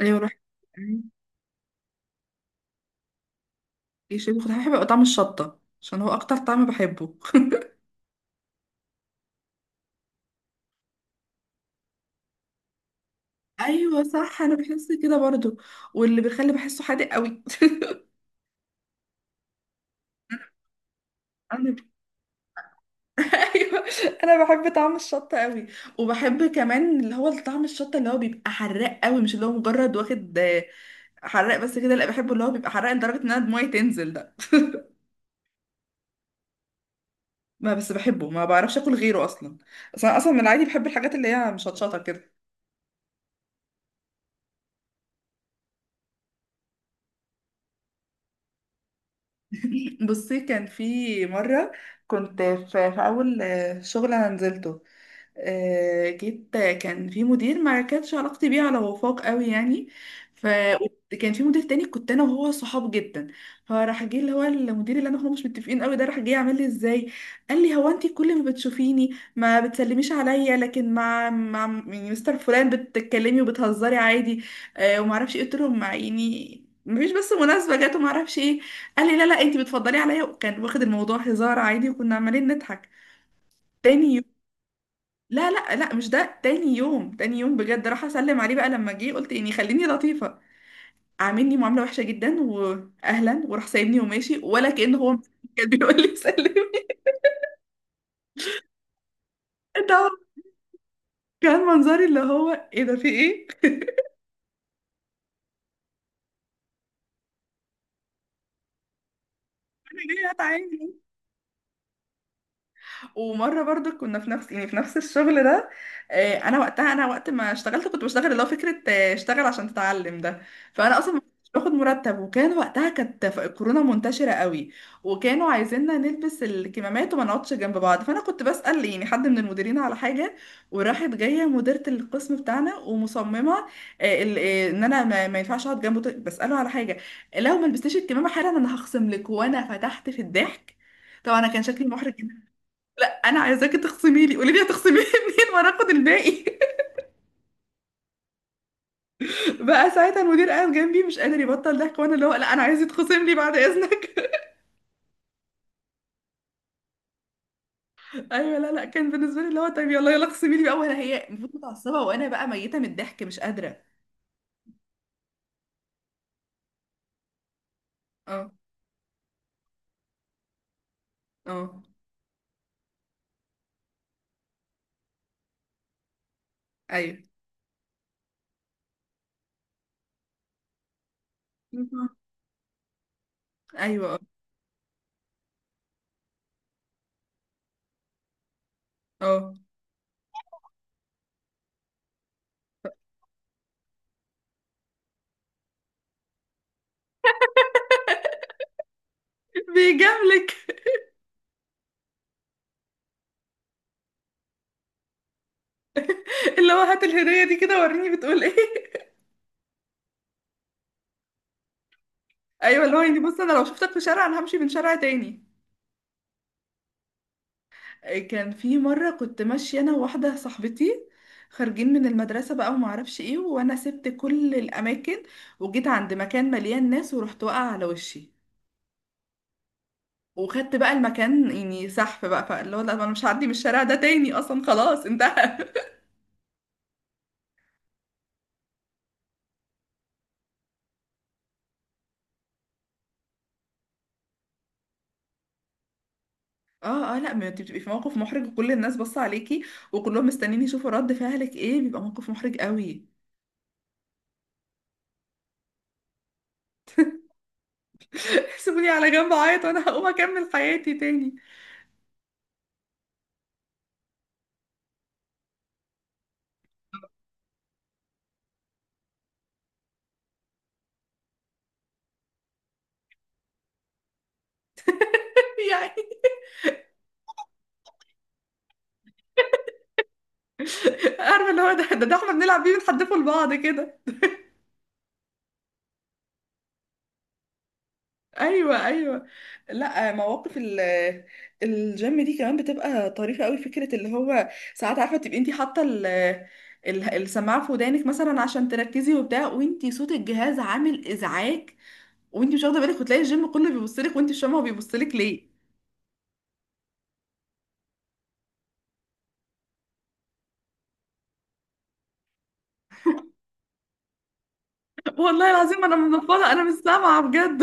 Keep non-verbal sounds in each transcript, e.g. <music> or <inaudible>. ايوه روح. يشيل بخضار، بحب يبقى طعم الشطة عشان هو اكتر طعم بحبه. <laughs> ايوه صح، انا بحس كده برضو. واللي بيخلي بحسه حادق قوي <laughs> انا ب... ايوه، انا بحب طعم الشطه قوي. وبحب كمان اللي هو طعم الشطه اللي هو بيبقى حراق قوي، مش اللي هو مجرد واخد حراق بس كده، لا بحبه اللي هو بيبقى حراق لدرجه ان انا دموعي تنزل ده. ما بس بحبه، ما بعرفش اكل غيره اصلا. اصلا من العادي بحب الحاجات اللي هي مشطشطه كده. <laughs> بصي، كان في مرة كنت في أول شغل أنا نزلته. جيت، كان في مدير ما كانتش علاقتي بيه على وفاق قوي يعني. فكان في مدير تاني كنت انا وهو صحاب جدا. فراح جه اللي هو المدير اللي انا وهو مش متفقين قوي ده، راح جه يعمل لي ازاي. قال لي هو انت كل ما بتشوفيني ما بتسلميش عليا، لكن مع يعني مستر فلان بتتكلمي وبتهزري عادي. وما اعرفش ايه، قلت له يعني مفيش، بس مناسبة جات وما اعرفش ايه. قال لي لا لا انت بتفضلي عليا، وكان واخد الموضوع هزار عادي، وكنا عمالين نضحك. تاني لا لا لا، مش ده. تاني يوم، تاني يوم بجد راح اسلم عليه بقى لما جه، قلت يعني خليني لطيفه. عاملني معامله وحشه جدا، واهلا وراح سايبني وماشي، ولا كأن هو <laughs> كان بيقول لي سلمي. <laughs> ده كان منظري اللي هو ايه ده، في ايه؟ <laughs> انا ليه هتعامل؟ ومره برضو كنا في نفس، يعني في نفس الشغل ده. انا وقتها، انا وقت ما اشتغلت كنت بشتغل اللي هو فكره، اشتغل عشان تتعلم ده. فانا اصلا ما كنتش باخد مرتب. وكان وقتها كانت الكورونا منتشره قوي، وكانوا عايزيننا نلبس الكمامات وما نقعدش جنب بعض. فانا كنت بسال يعني حد من المديرين على حاجه، وراحت جايه مديره القسم بتاعنا ومصممه، ان انا ما ينفعش اقعد جنبه بساله على حاجه. لو ما لبستيش الكمامه حالا انا هخصم لك، وانا فتحت في الضحك. طبعا انا كان شكلي محرج. انا عايزاكي تخصمي لي، قولي لي هتخصمي لي <laughs> منين وانا اخد الباقي. <laughs> بقى ساعتها المدير قاعد جنبي مش قادر يبطل ضحك، وانا اللي هو لا انا عايز يتخصم لي بعد اذنك. <laughs> ايوه لا لا، كان بالنسبه لي اللي هو طيب يلا يلا اخصمي لي بقى، وانا هي المفروض متعصبه، وانا بقى ميته من الضحك مش قادره. اه، اه، ايوه. <laughs> ايوه، اه، اه. بيجاملك. <laughs> اللي هو هات الهديه دي كده وريني بتقول ايه. <laughs> ايوه، اللي هو يعني بص انا لو شفتك في شارع انا همشي من شارع تاني. كان في مرة كنت ماشية أنا وواحدة صاحبتي، خارجين من المدرسة بقى وما اعرفش ايه، وانا سبت كل الاماكن وجيت عند مكان مليان ناس، ورحت واقعة على وشي. وخدت بقى المكان يعني سحب بقى، فاللي هو لا انا مش هعدي من الشارع ده تاني اصلا، خلاص انتهى. <laughs> اه اه، لا ما انت بتبقي في موقف محرج وكل الناس باصه عليكي، وكلهم مستنيين يشوفوا رد فعلك ايه، بيبقى موقف محرج قوي. <laughs> سيبوني على جنب اعيط وانا هقوم اكمل حياتي تاني. <laughs> يعني عارفه اللي هو ده احنا بنلعب بيه بنحدفه لبعض كده. ايوه ايوه. لا مواقف الجيم دي كمان بتبقى طريفه قوي فكره. اللي هو ساعات عارفه تبقي انت حاطه السماعه في ودانك مثلا عشان تركزي وبتاع، وانت صوت الجهاز عامل ازعاج وانت مش واخده بالك، وتلاقي الجيم كله بيبص لك وانت مش فاهمه هو بيبص لك ليه. <laughs> والله العظيم انا منفضه، انا مش سامعه بجد.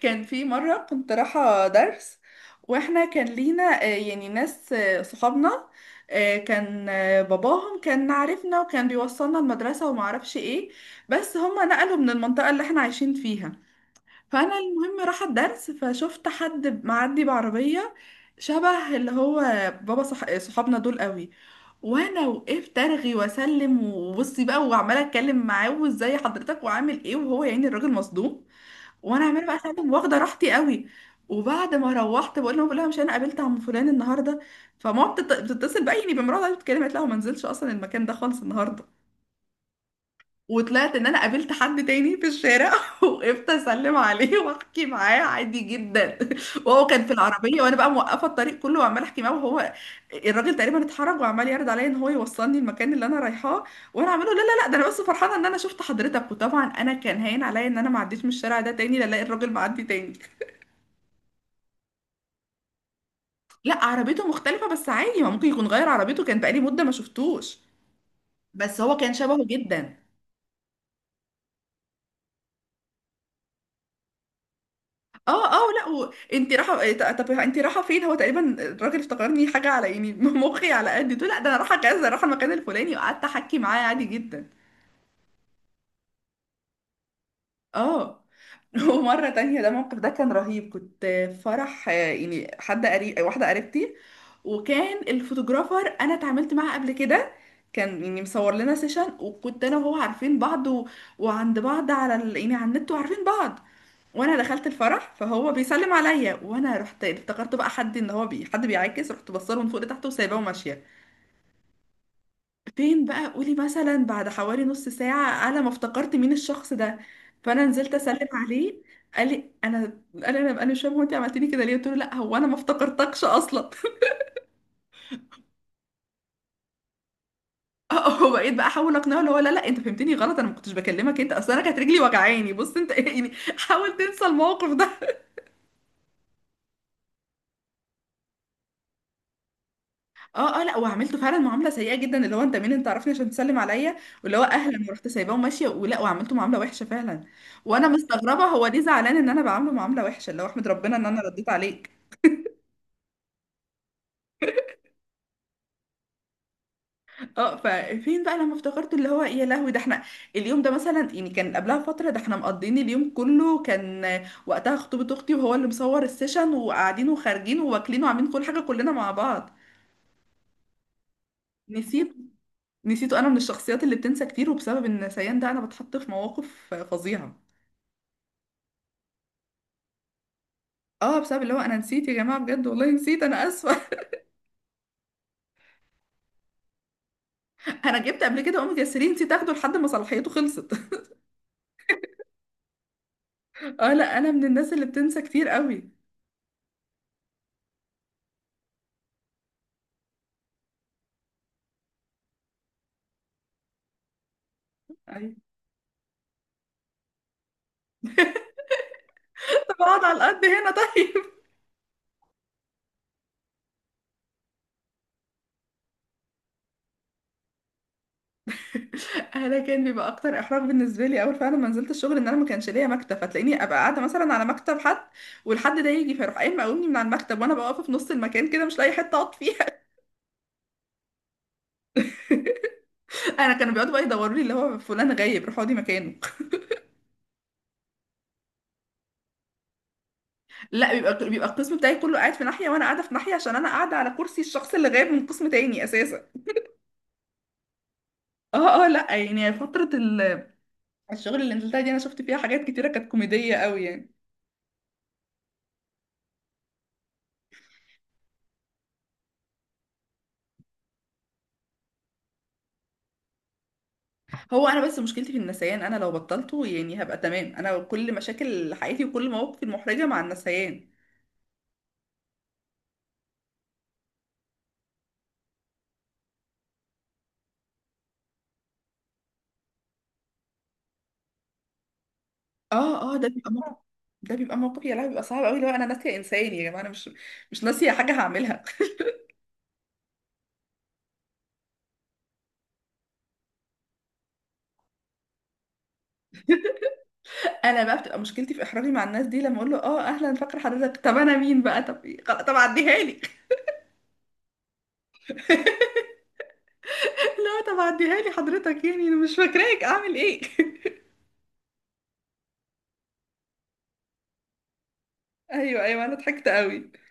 كان في مرة كنت رايحة درس، واحنا كان لينا يعني ناس، صحابنا، آه، كان آه، باباهم كان عارفنا وكان بيوصلنا المدرسة ومعرفش ايه. بس هما نقلوا من المنطقة اللي احنا عايشين فيها. فأنا المهم رايحة الدرس، فشفت حد معدي بعربية شبه اللي هو صحابنا دول قوي. وانا وقفت ارغي واسلم وبصي بقى، وعماله اتكلم معاه وازاي حضرتك وعامل ايه، وهو يعني الراجل مصدوم، وانا عماله بقى اسلم واخده راحتي قوي. وبعد ما روحت بقول لهم، بقول لها مش انا قابلت عم فلان النهارده؟ فماما بتتصل بقى يعني بمراتها قاعدة بتتكلم، قالت لها هو ما نزلش اصلا المكان ده خالص النهارده. وطلعت ان انا قابلت حد تاني في الشارع <laughs> وقفت اسلم عليه <laughs> واحكي معاه عادي جدا. وهو كان في العربيه، وانا بقى موقفه الطريق كله وعماله احكي معاه، وهو الراجل تقريبا اتحرج وعمال يعرض عليا ان هو يوصلني المكان اللي انا رايحاه. وانا عامله لا لا لا، ده انا بس فرحانه ان انا شفت حضرتك، وطبعا انا كان هاين عليا ان انا ما عديتش من الشارع ده تاني لا الاقي الراجل معدي تاني. لا عربيته مختلفة، بس عادي، ما ممكن يكون غير عربيته، كان بقالي مدة ما شفتوش. بس هو كان شبهه جدا. اه اه، لا و... انت رايحة إيه، طب انت رايحة فين؟ هو تقريبا الراجل افتكرني حاجة على يعني <laughs> مخي على قد ده، لا ده انا رايحة كذا، رايحة المكان الفلاني، وقعدت احكي معاه عادي جدا. اه. <laughs> ومرة تانية، ده الموقف ده كان رهيب. كنت في فرح، يعني حد قريب، واحدة قريبتي. وكان الفوتوغرافر انا اتعاملت معاه قبل كده، كان يعني مصور لنا سيشن، وكنت انا وهو عارفين بعض وعند بعض على يعني على النت، وعارفين بعض. وانا دخلت الفرح فهو بيسلم عليا، وانا رحت افتكرت بقى حد ان هو حد بيعاكس، رحت بصله من فوق لتحت وسايباه وماشية. فين بقى؟ قولي مثلا بعد حوالي نص ساعة، على ما افتكرت مين الشخص ده، فأنا نزلت أسلم عليه. قال لي أنا، أنا مش فاهمة هو أنت عملتيني كده ليه؟ قلت له لا، هو أنا ما افتكرتكش أصلا. <laughs> وبقيت بقى أحاول أقنعه اللي هو لا لا، أنت فهمتني غلط، أنا ما كنتش بكلمك أنت، أصل أنا كانت رجلي وجعاني، بص أنت <laughs> يعني حاول تنسى الموقف ده. اه اه، لا وعملته فعلا معامله سيئه جدا، اللي هو انت مين؟ انت عارفني عشان تسلم عليا؟ واللي هو اهلا، ورحت سايباه وماشيه ولا، وعملته معامله وحشه فعلا. وانا مستغربه هو ليه زعلان ان انا بعامله معامله وحشه، اللي هو احمد ربنا ان انا رديت عليك. اه. ففين بقى لما افتكرت اللي هو يا لهوي، ده احنا اليوم ده مثلا، يعني كان قبلها فتره ده احنا مقضيين اليوم كله، كان وقتها خطوبه اختي وهو اللي مصور السيشن، وقاعدين وخارجين وواكلين وعاملين كل حاجه كلنا مع بعض. نسيت. نسيته. انا من الشخصيات اللي بتنسى كتير، وبسبب النسيان ده انا بتحط في مواقف فظيعه. اه، بسبب اللي هو انا نسيت، يا جماعه بجد والله نسيت، انا اسفه. <laughs> انا جبت قبل كده اوميجا 3 نسيت اخده لحد ما صلاحيته خلصت. <laughs> اه لا، انا من الناس اللي بتنسى كتير قوي. ايوه. <laughs> طب اقعد على القد هنا طيب. <laughs> انا كان بيبقى اكتر احراج بالنسبه لي اول فعلا ما نزلت الشغل ان انا ما كانش ليا مكتب، فتلاقيني ابقى قاعده مثلا على مكتب حد، والحد ده يجي فيروح قايم مقومني من على المكتب، وانا بقى واقفه في نص المكان كده مش لاقي حته اقعد فيها. <laughs> انا كانوا بيقعدوا بقى يدوروا لي اللي هو فلان غايب روح اقعدي مكانه. لا، بيبقى بيبقى القسم بتاعي كله قاعد في ناحيه، وانا قاعده في ناحيه عشان انا قاعده على كرسي الشخص اللي غايب من قسم تاني اساسا. اه اه، لا يعني فترة الشغل اللي نزلتها دي انا شفت فيها حاجات كتيرة كانت كوميدية قوي يعني. هو انا بس مشكلتي في النسيان، انا لو بطلته يعني هبقى تمام، انا كل مشاكل حياتي وكل مواقفي المحرجة مع النسيان. اه اه، ده بيبقى موقف، ده بيبقى موقف يا لهوي، بيبقى صعب قوي لو انا ناسية انسان، يا جماعة انا مش ناسية حاجة هعملها. انا بقى بتبقى مشكلتي في احراجي مع الناس دي لما اقول له اه اهلا فاكر حضرتك، طب انا مين بقى؟ طب إيه؟ خلاص، طب عديها لي. <laughs> لا طب عديها لي حضرتك، يعني انا مش فاكراك اعمل ايه؟ <laughs> ايوه ايوه، انا ضحكت قوي.